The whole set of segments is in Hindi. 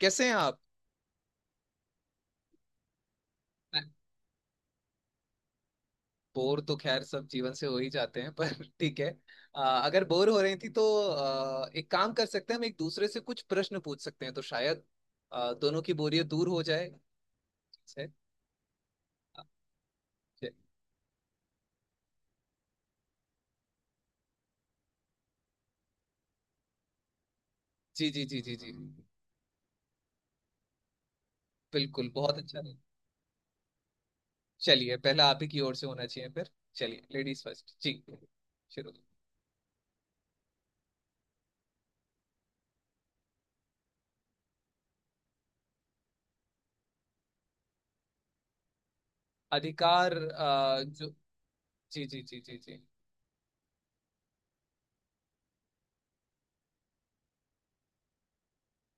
कैसे हैं आप? बोर तो खैर सब जीवन से हो ही जाते हैं पर ठीक है। अगर बोर हो रही थी तो एक काम कर सकते हैं, हम एक दूसरे से कुछ प्रश्न पूछ सकते हैं तो शायद दोनों की बोरियत दूर हो जाए। ठीक है? आ, जी जी जी जी जी। बिल्कुल बहुत अच्छा है। चलिए पहला आप ही की ओर से होना चाहिए फिर। चलिए लेडीज फर्स्ट जी। शुरू। अधिकार जो। जी जी जी जी जी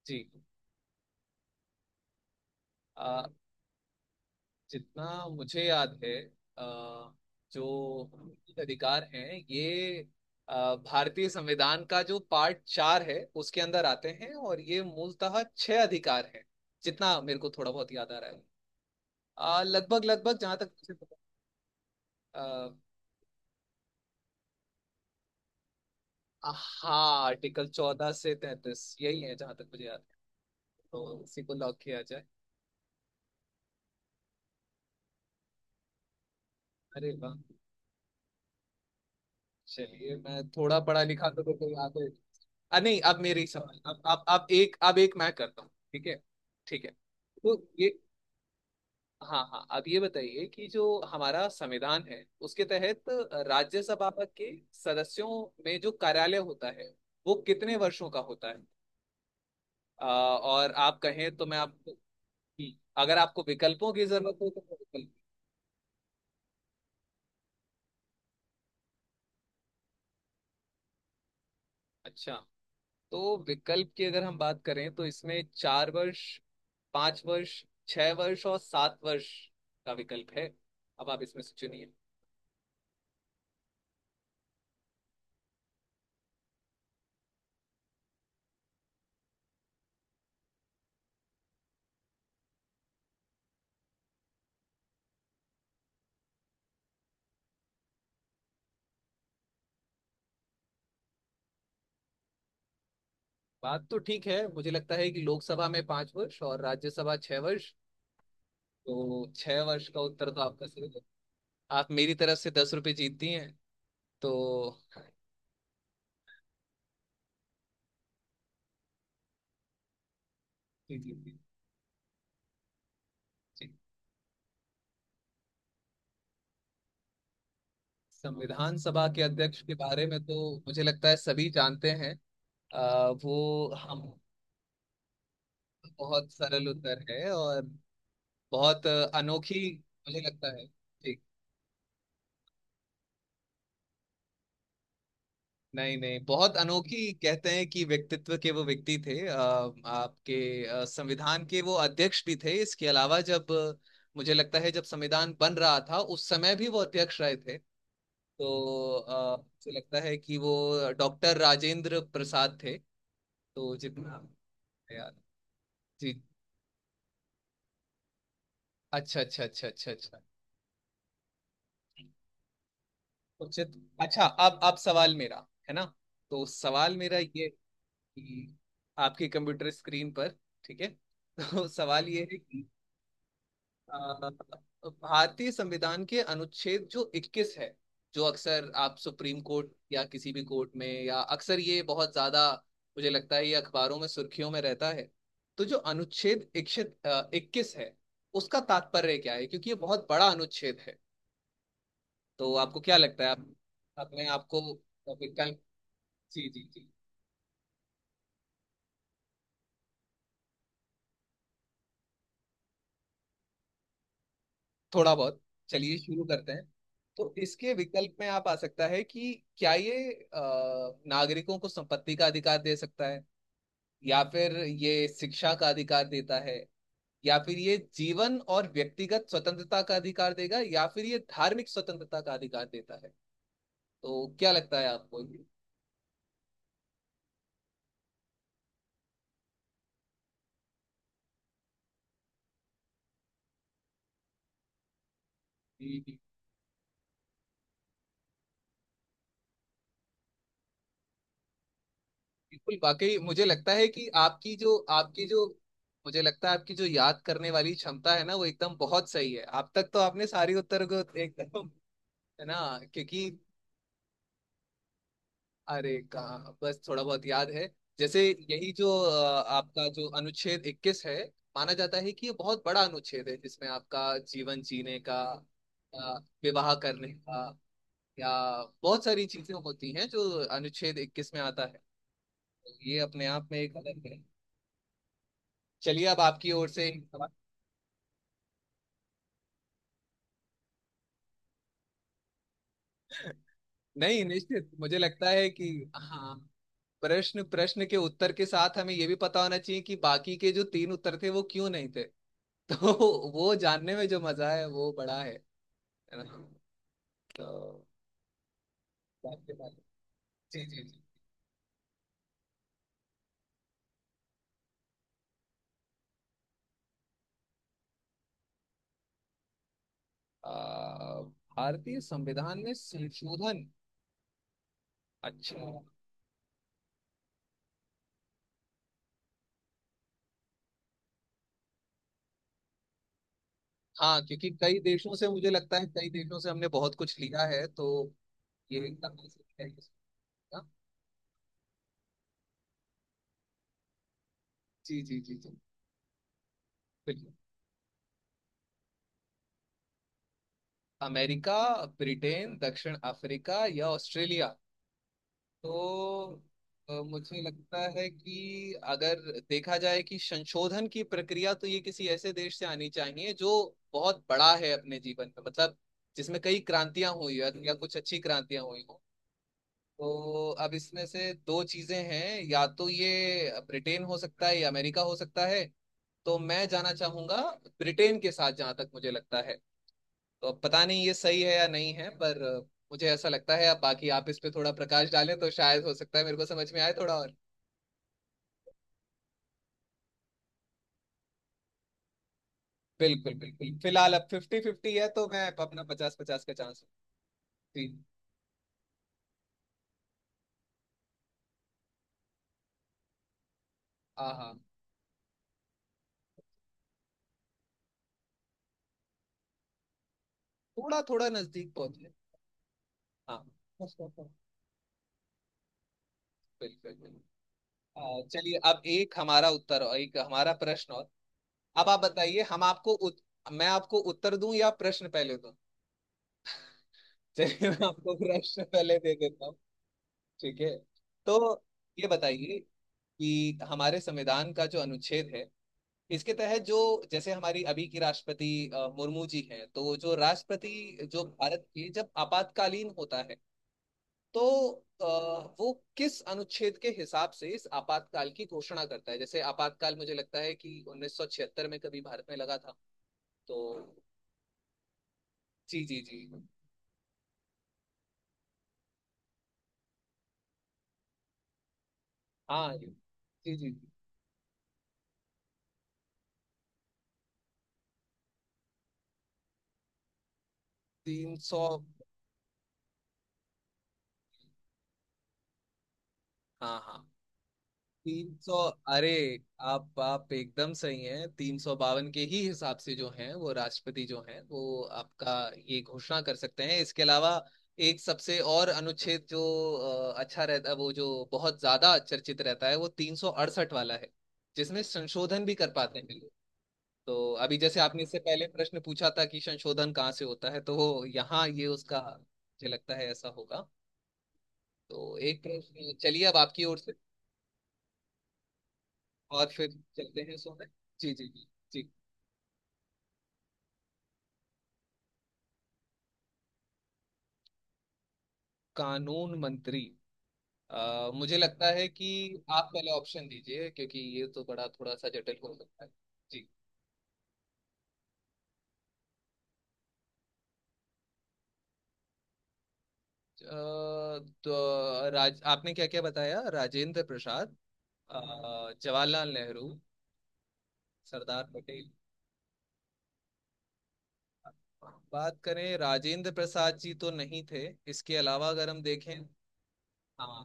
जी। जितना मुझे याद है, अ, जो मौलिक अधिकार हैं ये भारतीय संविधान का जो पार्ट चार है उसके अंदर आते हैं, और ये मूलतः 6 अधिकार हैं। जितना मेरे को थोड़ा बहुत याद आ रहा है, लगभग लगभग जहां तक मुझे पता। अ, हाँ, आर्टिकल 14 से 33, यही है जहां तक मुझे याद है। तो इसी को लॉक किया जाए। अरे वाह। चलिए मैं थोड़ा पढ़ा लिखा तो देखो यहाँ पे। नहीं, अब मेरी सवाल अब एक मैं करता हूँ, ठीक है? ठीक है, तो ये। हाँ हाँ, अब ये बताइए कि जो हमारा संविधान है उसके तहत राज्यसभा के सदस्यों में जो कार्यालय होता है वो कितने वर्षों का होता है। आ, और आप कहें तो मैं आपको, अगर आपको विकल्पों की जरूरत हो तो मैं विकल्प। अच्छा। तो विकल्प की अगर हम बात करें तो इसमें 4 वर्ष, 5 वर्ष, 6 वर्ष और 7 वर्ष का विकल्प है। अब आप इसमें से चुनिए। बात तो ठीक है, मुझे लगता है कि लोकसभा में 5 वर्ष और राज्यसभा 6 वर्ष। तो 6 वर्ष का उत्तर तो आपका सही है। आप मेरी तरफ से 10 रुपये जीतती हैं। तो जी जी जी। जी। संविधान सभा के अध्यक्ष के बारे में तो मुझे लगता है सभी जानते हैं। वो, हम, बहुत सरल उत्तर है, और बहुत अनोखी, मुझे लगता है ठीक। नहीं नहीं, बहुत अनोखी कहते हैं कि व्यक्तित्व के वो व्यक्ति थे। आपके संविधान के वो अध्यक्ष भी थे। इसके अलावा जब मुझे लगता है जब संविधान बन रहा था उस समय भी वो अध्यक्ष रहे थे। तो मुझे लगता है कि वो डॉक्टर राजेंद्र प्रसाद थे। तो जितना, यार। जी। अच्छा अच्छा अच्छा अच्छा अच्छा। उचित। अच्छा, अब सवाल मेरा है ना, तो सवाल मेरा ये कि, आपके कंप्यूटर स्क्रीन पर, ठीक है? तो सवाल ये है कि अ, भारतीय संविधान के अनुच्छेद जो 21 है, जो अक्सर आप सुप्रीम कोर्ट या किसी भी कोर्ट में या अक्सर ये बहुत ज्यादा, मुझे लगता है, ये अखबारों में सुर्खियों में रहता है। तो जो अनुच्छेद 21 है उसका तात्पर्य क्या है, क्योंकि ये बहुत बड़ा अनुच्छेद है। तो आपको क्या लगता है आप अपने आपको, विकल्प। जी जी जी। थोड़ा बहुत, चलिए शुरू करते हैं। तो इसके विकल्प में आप आ सकता है कि क्या ये नागरिकों को संपत्ति का अधिकार दे सकता है, या फिर ये शिक्षा का अधिकार देता है, या फिर ये जीवन और व्यक्तिगत स्वतंत्रता का अधिकार देगा, या फिर ये धार्मिक स्वतंत्रता का अधिकार देता है। तो क्या लगता है आपको ये? जी, जी। बिल्कुल, वाकई मुझे लगता है कि आपकी जो मुझे लगता है आपकी जो याद करने वाली क्षमता है ना वो एकदम बहुत सही है। अब तक तो आपने सारी उत्तर को एकदम, है ना, क्योंकि, अरे कहा, बस थोड़ा बहुत याद है, जैसे यही जो आपका जो अनुच्छेद 21 है, माना जाता है कि ये बहुत बड़ा अनुच्छेद है, जिसमें आपका जीवन जीने का विवाह करने का, या बहुत सारी चीजें होती हैं जो अनुच्छेद 21 में आता है। तो ये अपने आप में एक अलग है। चलिए अब आपकी ओर से एक सवाल। नहीं निश्चित मुझे लगता है कि, हाँ, प्रश्न प्रश्न के उत्तर के साथ हमें ये भी पता होना चाहिए कि बाकी के जो 3 उत्तर थे वो क्यों नहीं थे। तो वो जानने में जो मजा है वो बड़ा है ना। तो जानने वाले- जी जी जी। भारतीय संविधान में संशोधन, अच्छा। हाँ, क्योंकि कई देशों से, मुझे लगता है कई देशों से हमने बहुत कुछ लिया है, तो ये एकदम ऐसे है कि- हाँ, जी जी जी जी, बिल्कुल। अमेरिका, ब्रिटेन, दक्षिण अफ्रीका या ऑस्ट्रेलिया। तो मुझे लगता है कि अगर देखा जाए कि संशोधन की प्रक्रिया, तो ये किसी ऐसे देश से आनी चाहिए जो बहुत बड़ा है अपने जीवन में, मतलब जिसमें कई क्रांतियां हुई हो या कुछ अच्छी क्रांतियां हुई हो। तो अब इसमें से 2 चीजें हैं, या तो ये ब्रिटेन हो सकता है या अमेरिका हो सकता है। तो मैं जाना चाहूंगा ब्रिटेन के साथ, जहां तक मुझे लगता है। तो पता नहीं ये सही है या नहीं है, पर मुझे ऐसा लगता है। अब बाकी आप इस पे थोड़ा प्रकाश डालें तो शायद हो सकता है मेरे को समझ में आए थोड़ा और। बिल्कुल बिल्कुल, फिलहाल अब फिफ्टी फिफ्टी है तो मैं अपना पचास पचास का चांस। जी, हाँ हाँ, थोड़ा थोड़ा नजदीक पहुंचे। हाँ बिल्कुल बिल्कुल। चलिए अब एक हमारा उत्तर और एक हमारा प्रश्न और। अब आप बताइए, हम आपको मैं आपको उत्तर दूं या प्रश्न पहले दूं। चलिए मैं आपको प्रश्न पहले दे देता, ठीक है। तो ये बताइए कि हमारे संविधान का जो अनुच्छेद है इसके तहत जो, जैसे हमारी अभी की राष्ट्रपति मुर्मू जी हैं, तो जो राष्ट्रपति, जो भारत की, जब आपातकालीन होता है तो अ, वो किस अनुच्छेद के हिसाब से इस आपातकाल की घोषणा करता है, जैसे आपातकाल मुझे लगता है कि 1976 में कभी भारत में लगा था। तो जी जी जी। हाँ, जी जी जी। 300। हाँ हाँ 300। अरे आप एकदम सही हैं, 352 के ही हिसाब से जो हैं, वो राष्ट्रपति जो हैं वो आपका ये घोषणा कर सकते हैं। इसके अलावा एक सबसे और अनुच्छेद जो अच्छा रहता है, वो जो बहुत ज्यादा चर्चित रहता है वो 368 वाला है, जिसमें संशोधन भी कर पाते हैं लोग। तो अभी जैसे आपने इससे पहले प्रश्न पूछा था कि संशोधन कहाँ से होता है, तो यहाँ ये उसका मुझे लगता है ऐसा होगा। तो एक प्रश्न, चलिए अब आपकी ओर से, और फिर चलते हैं सोने। जी जी जी जी। कानून मंत्री, मुझे लगता है कि आप पहले ऑप्शन दीजिए क्योंकि ये तो बड़ा थोड़ा सा जटिल हो सकता है। जी। अ, तो राज आपने क्या क्या बताया, राजेंद्र प्रसाद, अ, जवाहरलाल नेहरू, सरदार पटेल। बात करें राजेंद्र प्रसाद जी तो नहीं थे, इसके अलावा अगर हम देखें, हाँ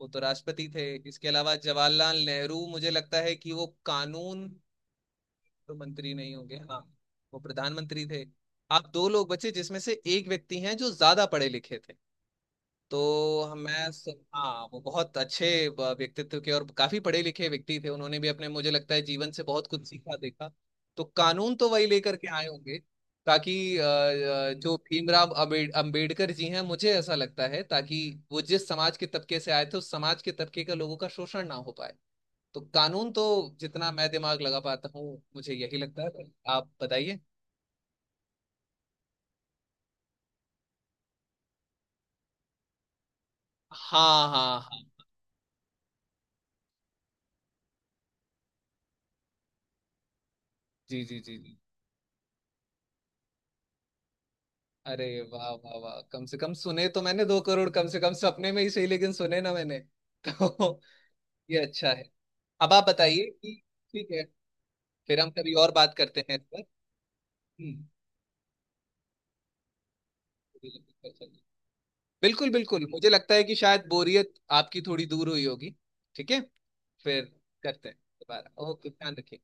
वो तो राष्ट्रपति थे। इसके अलावा जवाहरलाल नेहरू, मुझे लगता है कि वो कानून तो मंत्री नहीं होंगे, हाँ वो प्रधानमंत्री थे। आप 2 लोग बचे जिसमें से एक व्यक्ति हैं जो ज्यादा पढ़े लिखे थे। तो मैं हाँ वो बहुत अच्छे व्यक्तित्व के और काफी पढ़े लिखे व्यक्ति थे, उन्होंने भी अपने, मुझे लगता है, जीवन से बहुत कुछ सीखा देखा। तो कानून तो वही लेकर के आए होंगे, ताकि जो भीमराव अम्बेडकर जी हैं, मुझे ऐसा लगता है, ताकि वो जिस समाज के तबके से आए थे उस समाज के तबके का लोगों का शोषण ना हो पाए। तो कानून तो, जितना मैं दिमाग लगा पाता हूँ मुझे यही लगता है, आप बताइए। हाँ हाँ हाँ, जी जी जी जी। अरे वाह वाह वाह, कम से कम सुने तो मैंने 2 करोड़, कम से कम सपने में ही सही, लेकिन सुने ना मैंने। तो ये अच्छा है। अब आप बताइए कि, ठीक है फिर हम कभी और बात करते हैं इस पर। हम्म। बिल्कुल बिल्कुल, मुझे लगता है कि शायद बोरियत आपकी थोड़ी दूर हुई होगी। ठीक है फिर, करते हैं दोबारा, ओके, ध्यान रखिए।